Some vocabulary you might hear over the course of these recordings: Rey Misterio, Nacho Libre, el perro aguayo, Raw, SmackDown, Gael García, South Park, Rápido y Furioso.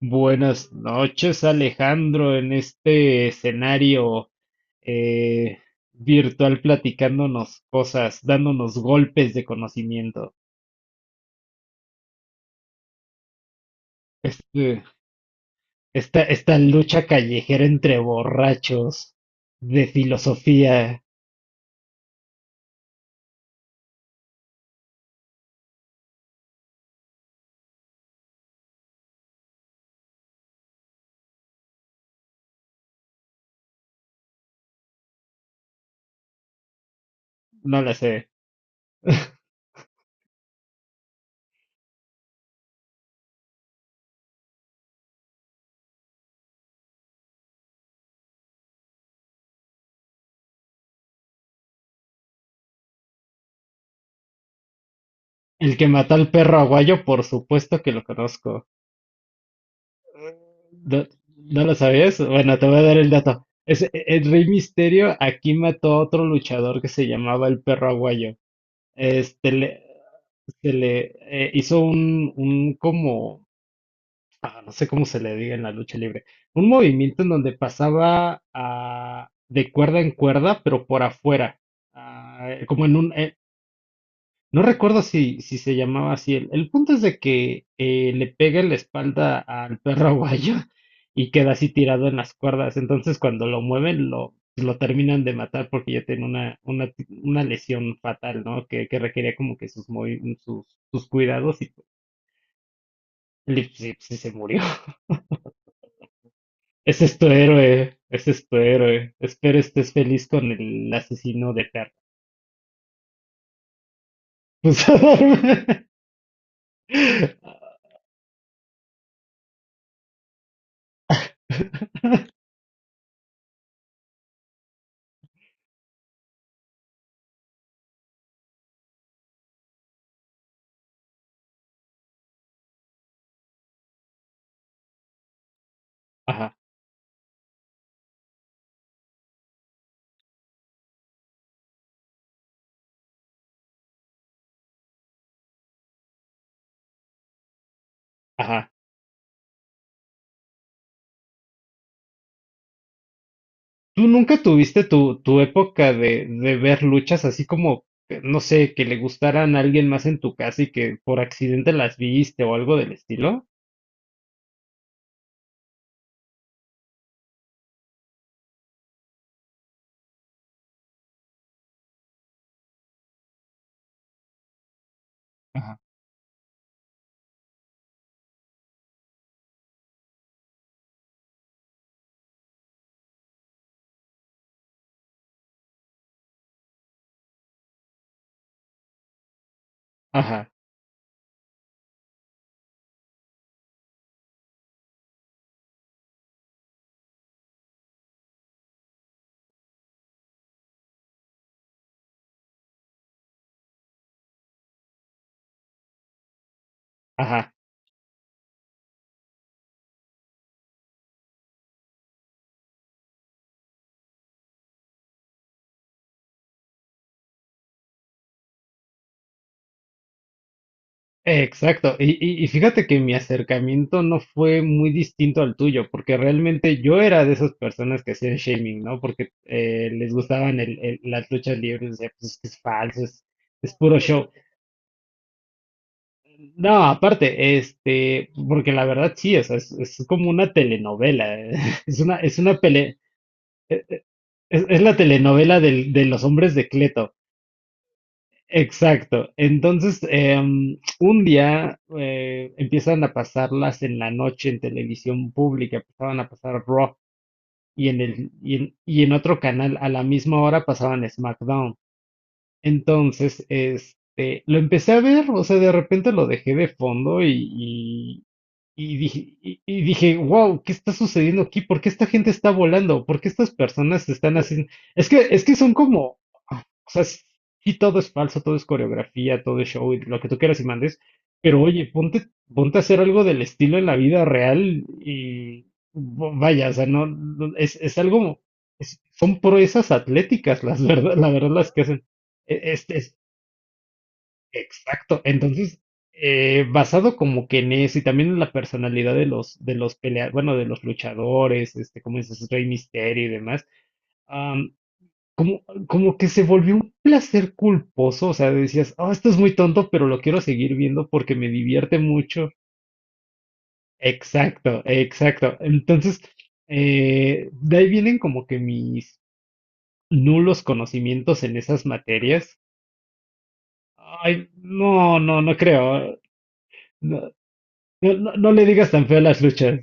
Buenas noches, Alejandro, en este escenario eh, virtual, platicándonos cosas, dándonos golpes de conocimiento. Este, esta lucha callejera entre borrachos de filosofía, no la sé. El que mató al Perro Aguayo, por supuesto que lo conozco. ¿No, no lo sabías? Bueno, te voy a dar el dato. El Rey Misterio aquí mató a otro luchador que se llamaba el Perro Aguayo. Este, le, se le hizo un como, no sé cómo se le diga en la lucha libre, un movimiento en donde pasaba, de cuerda en cuerda, pero por afuera, ah, como en un, eh, no recuerdo si, se llamaba así. El punto es de que le pega en la espalda al Perro Aguayo y queda así tirado en las cuerdas. Entonces, cuando lo mueven, lo terminan de matar porque ya tiene una lesión fatal, ¿no? Que requería como que sus cuidados y sí, sí se murió. Ese es tu héroe, ese es tu héroe. Espero estés feliz con el asesino de perro. Pues. Ajá, ajá. ¿Tú nunca tuviste tu época de ver luchas así como, no sé, que le gustaran a alguien más en tu casa y que por accidente las viste o algo del estilo? Ajá. Ajá, ajá, exacto. Y fíjate que mi acercamiento no fue muy distinto al tuyo, porque realmente yo era de esas personas que hacían shaming, ¿no? Porque les gustaban las luchas libres. Decía, pues es que es falso, es puro show. No, aparte, porque la verdad sí, o sea, es como una telenovela, es una pele, eh, es la telenovela de los hombres de Cleto. Exacto. Entonces, un día empiezan a pasarlas en la noche en televisión pública, empezaban a pasar Raw, y en el, y en otro canal a la misma hora pasaban SmackDown. Entonces, lo empecé a ver, o sea, de repente lo dejé de fondo. Y dije, wow, ¿qué está sucediendo aquí? ¿Por qué esta gente está volando? ¿Por qué estas personas están haciendo? Es que son como, o sea, sí, sí, todo es falso, todo es coreografía, todo es show, y lo que tú quieras y mandes, pero oye, ponte a hacer algo del estilo en la vida real y, vaya, o sea, no, es algo, son proezas atléticas, la verdad las que hacen. e, este, Exacto. Entonces, basado como que en eso y también en la personalidad de los luchadores, como dices, Rey Misterio y demás, am, como, como que se volvió un placer culposo. O sea, decías, oh, esto es muy tonto, pero lo quiero seguir viendo porque me divierte mucho. Exacto, exacto. Entonces, de ahí vienen como que mis nulos conocimientos en esas materias. Ay, no, no, no creo. No, no, no, no le digas tan feo a las luchas.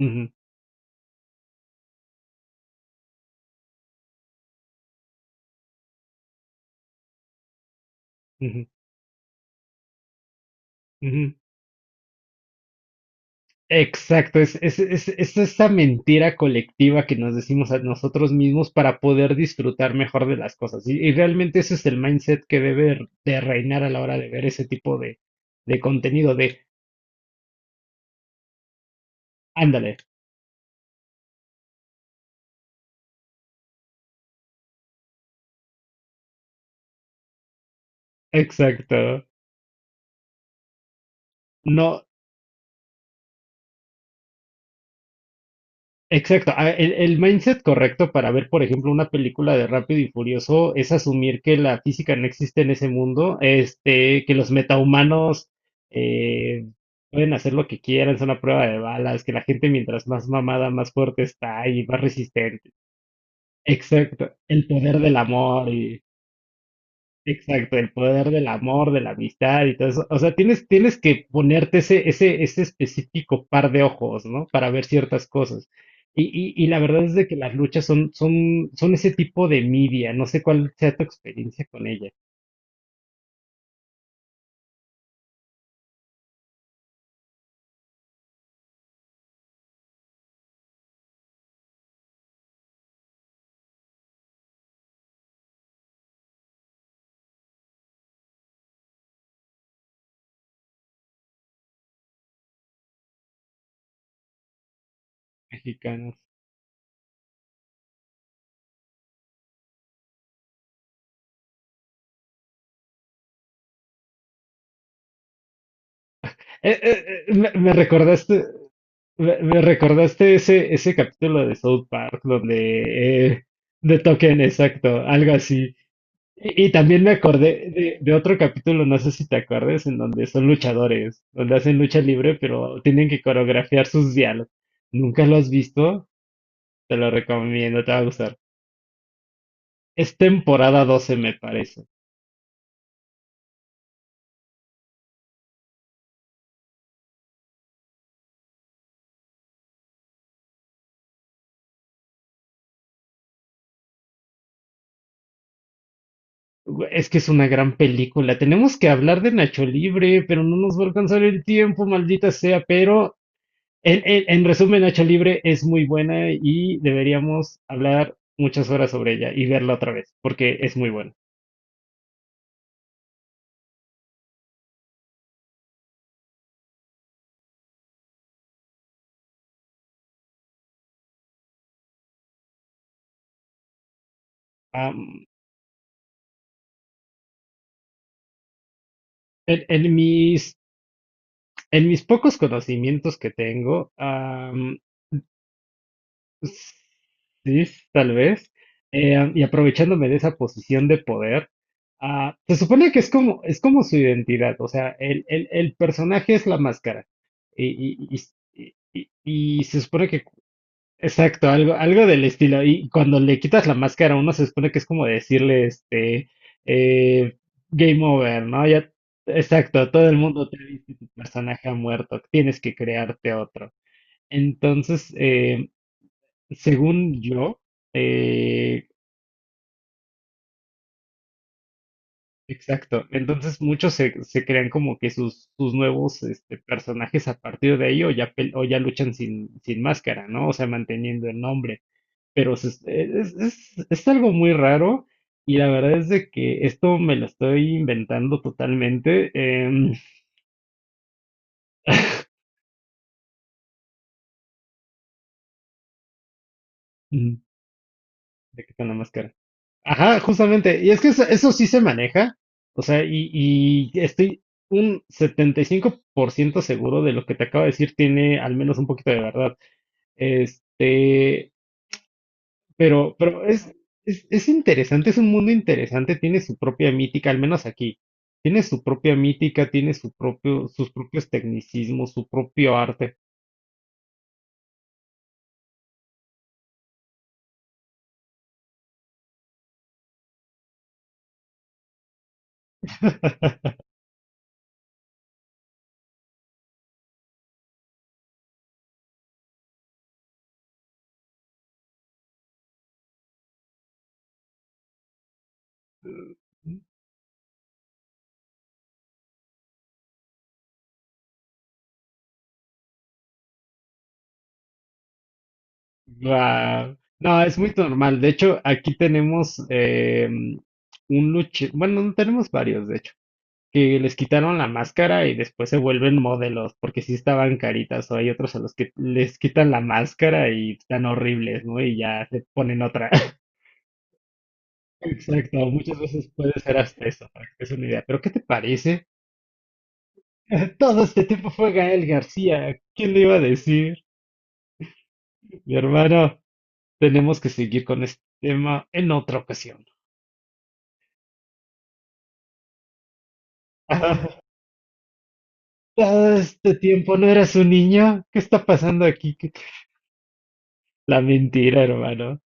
Ujú, ujú, ujú. Exacto, es esta mentira colectiva que nos decimos a nosotros mismos para poder disfrutar mejor de las cosas. Y realmente ese es el mindset que debe de reinar a la hora de ver ese tipo de contenido, de ándale, exacto. No, exacto. El mindset correcto para ver, por ejemplo, una película de Rápido y Furioso es asumir que la física no existe en ese mundo, que los metahumanos eh, pueden hacer lo que quieran, son a prueba de balas, que la gente, mientras más mamada, más fuerte está y más resistente. Exacto. El poder del amor y. Exacto, el poder del amor, de la amistad y todo eso. O sea, tienes que ponerte ese específico par de ojos, ¿no? Para ver ciertas cosas. Y, y la verdad es de que las luchas son ese tipo de media. No sé cuál sea tu experiencia con ellas. Mexicanas. Eh, eh, eh, me, me recordaste, me recordaste ese, capítulo de South Park donde, de Token, exacto, algo así. Y también me acordé de otro capítulo, no sé si te acuerdas, en donde son luchadores, donde hacen lucha libre, pero tienen que coreografiar sus diálogos. ¿Nunca lo has visto? Te lo recomiendo, te va a gustar. Es temporada 12, me parece. Es que es una gran película. Tenemos que hablar de Nacho Libre, pero no nos va a alcanzar el tiempo, maldita sea. Pero en, en resumen, Nacho Libre es muy buena y deberíamos hablar muchas horas sobre ella y verla otra vez, porque es muy buena. En, en mis, en mis pocos conocimientos que tengo, sí, tal vez, y aprovechándome de esa posición de poder, se supone que es como, su identidad, o sea, el personaje es la máscara, y, y, y se supone que. Exacto, algo del estilo. Y cuando le quitas la máscara, uno, se supone que es como decirle, eh, game over, ¿no? Ya, exacto, todo el mundo te ha visto y tu personaje ha muerto, tienes que crearte otro. Entonces, según yo, eh, exacto, entonces muchos, se crean como que sus nuevos, personajes a partir de ahí, o ya, o ya luchan sin máscara, ¿no? O sea, manteniendo el nombre. Pero se es algo muy raro, y la verdad es de que esto me lo estoy inventando totalmente, ¿De qué quitan la máscara? Ajá, justamente, y es que eso sí se maneja, o sea, y estoy un 75% seguro de lo que te acabo de decir tiene al menos un poquito de verdad. Este, Pero, pero es, es interesante, es un mundo interesante, tiene su propia mítica, al menos aquí. Tiene su propia mítica, tiene su propio, sus propios tecnicismos, su propio arte. Guau. No, es muy normal. De hecho, aquí tenemos bueno, no tenemos varios, de hecho, que les quitaron la máscara y después se vuelven modelos, porque sí estaban caritas, o hay otros a los que les quitan la máscara y están horribles, ¿no? Y ya se ponen otra. Exacto, muchas veces puede ser hasta eso. Para que es una idea, pero ¿qué te parece? Todo este tiempo fue Gael García. ¿Quién le iba a decir? Mi hermano, tenemos que seguir con este tema en otra ocasión. Todo este tiempo no eras un niño. ¿Qué está pasando aquí? La mentira, hermano.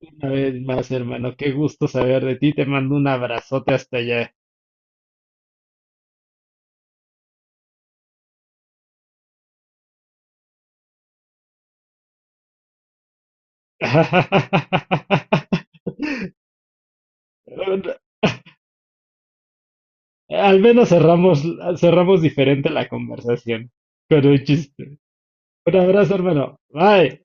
Una vez más, hermano, qué gusto saber de ti. Te mando un abrazote hasta allá. Al menos cerramos, diferente la conversación con un chiste. Un abrazo, hermano. Bye.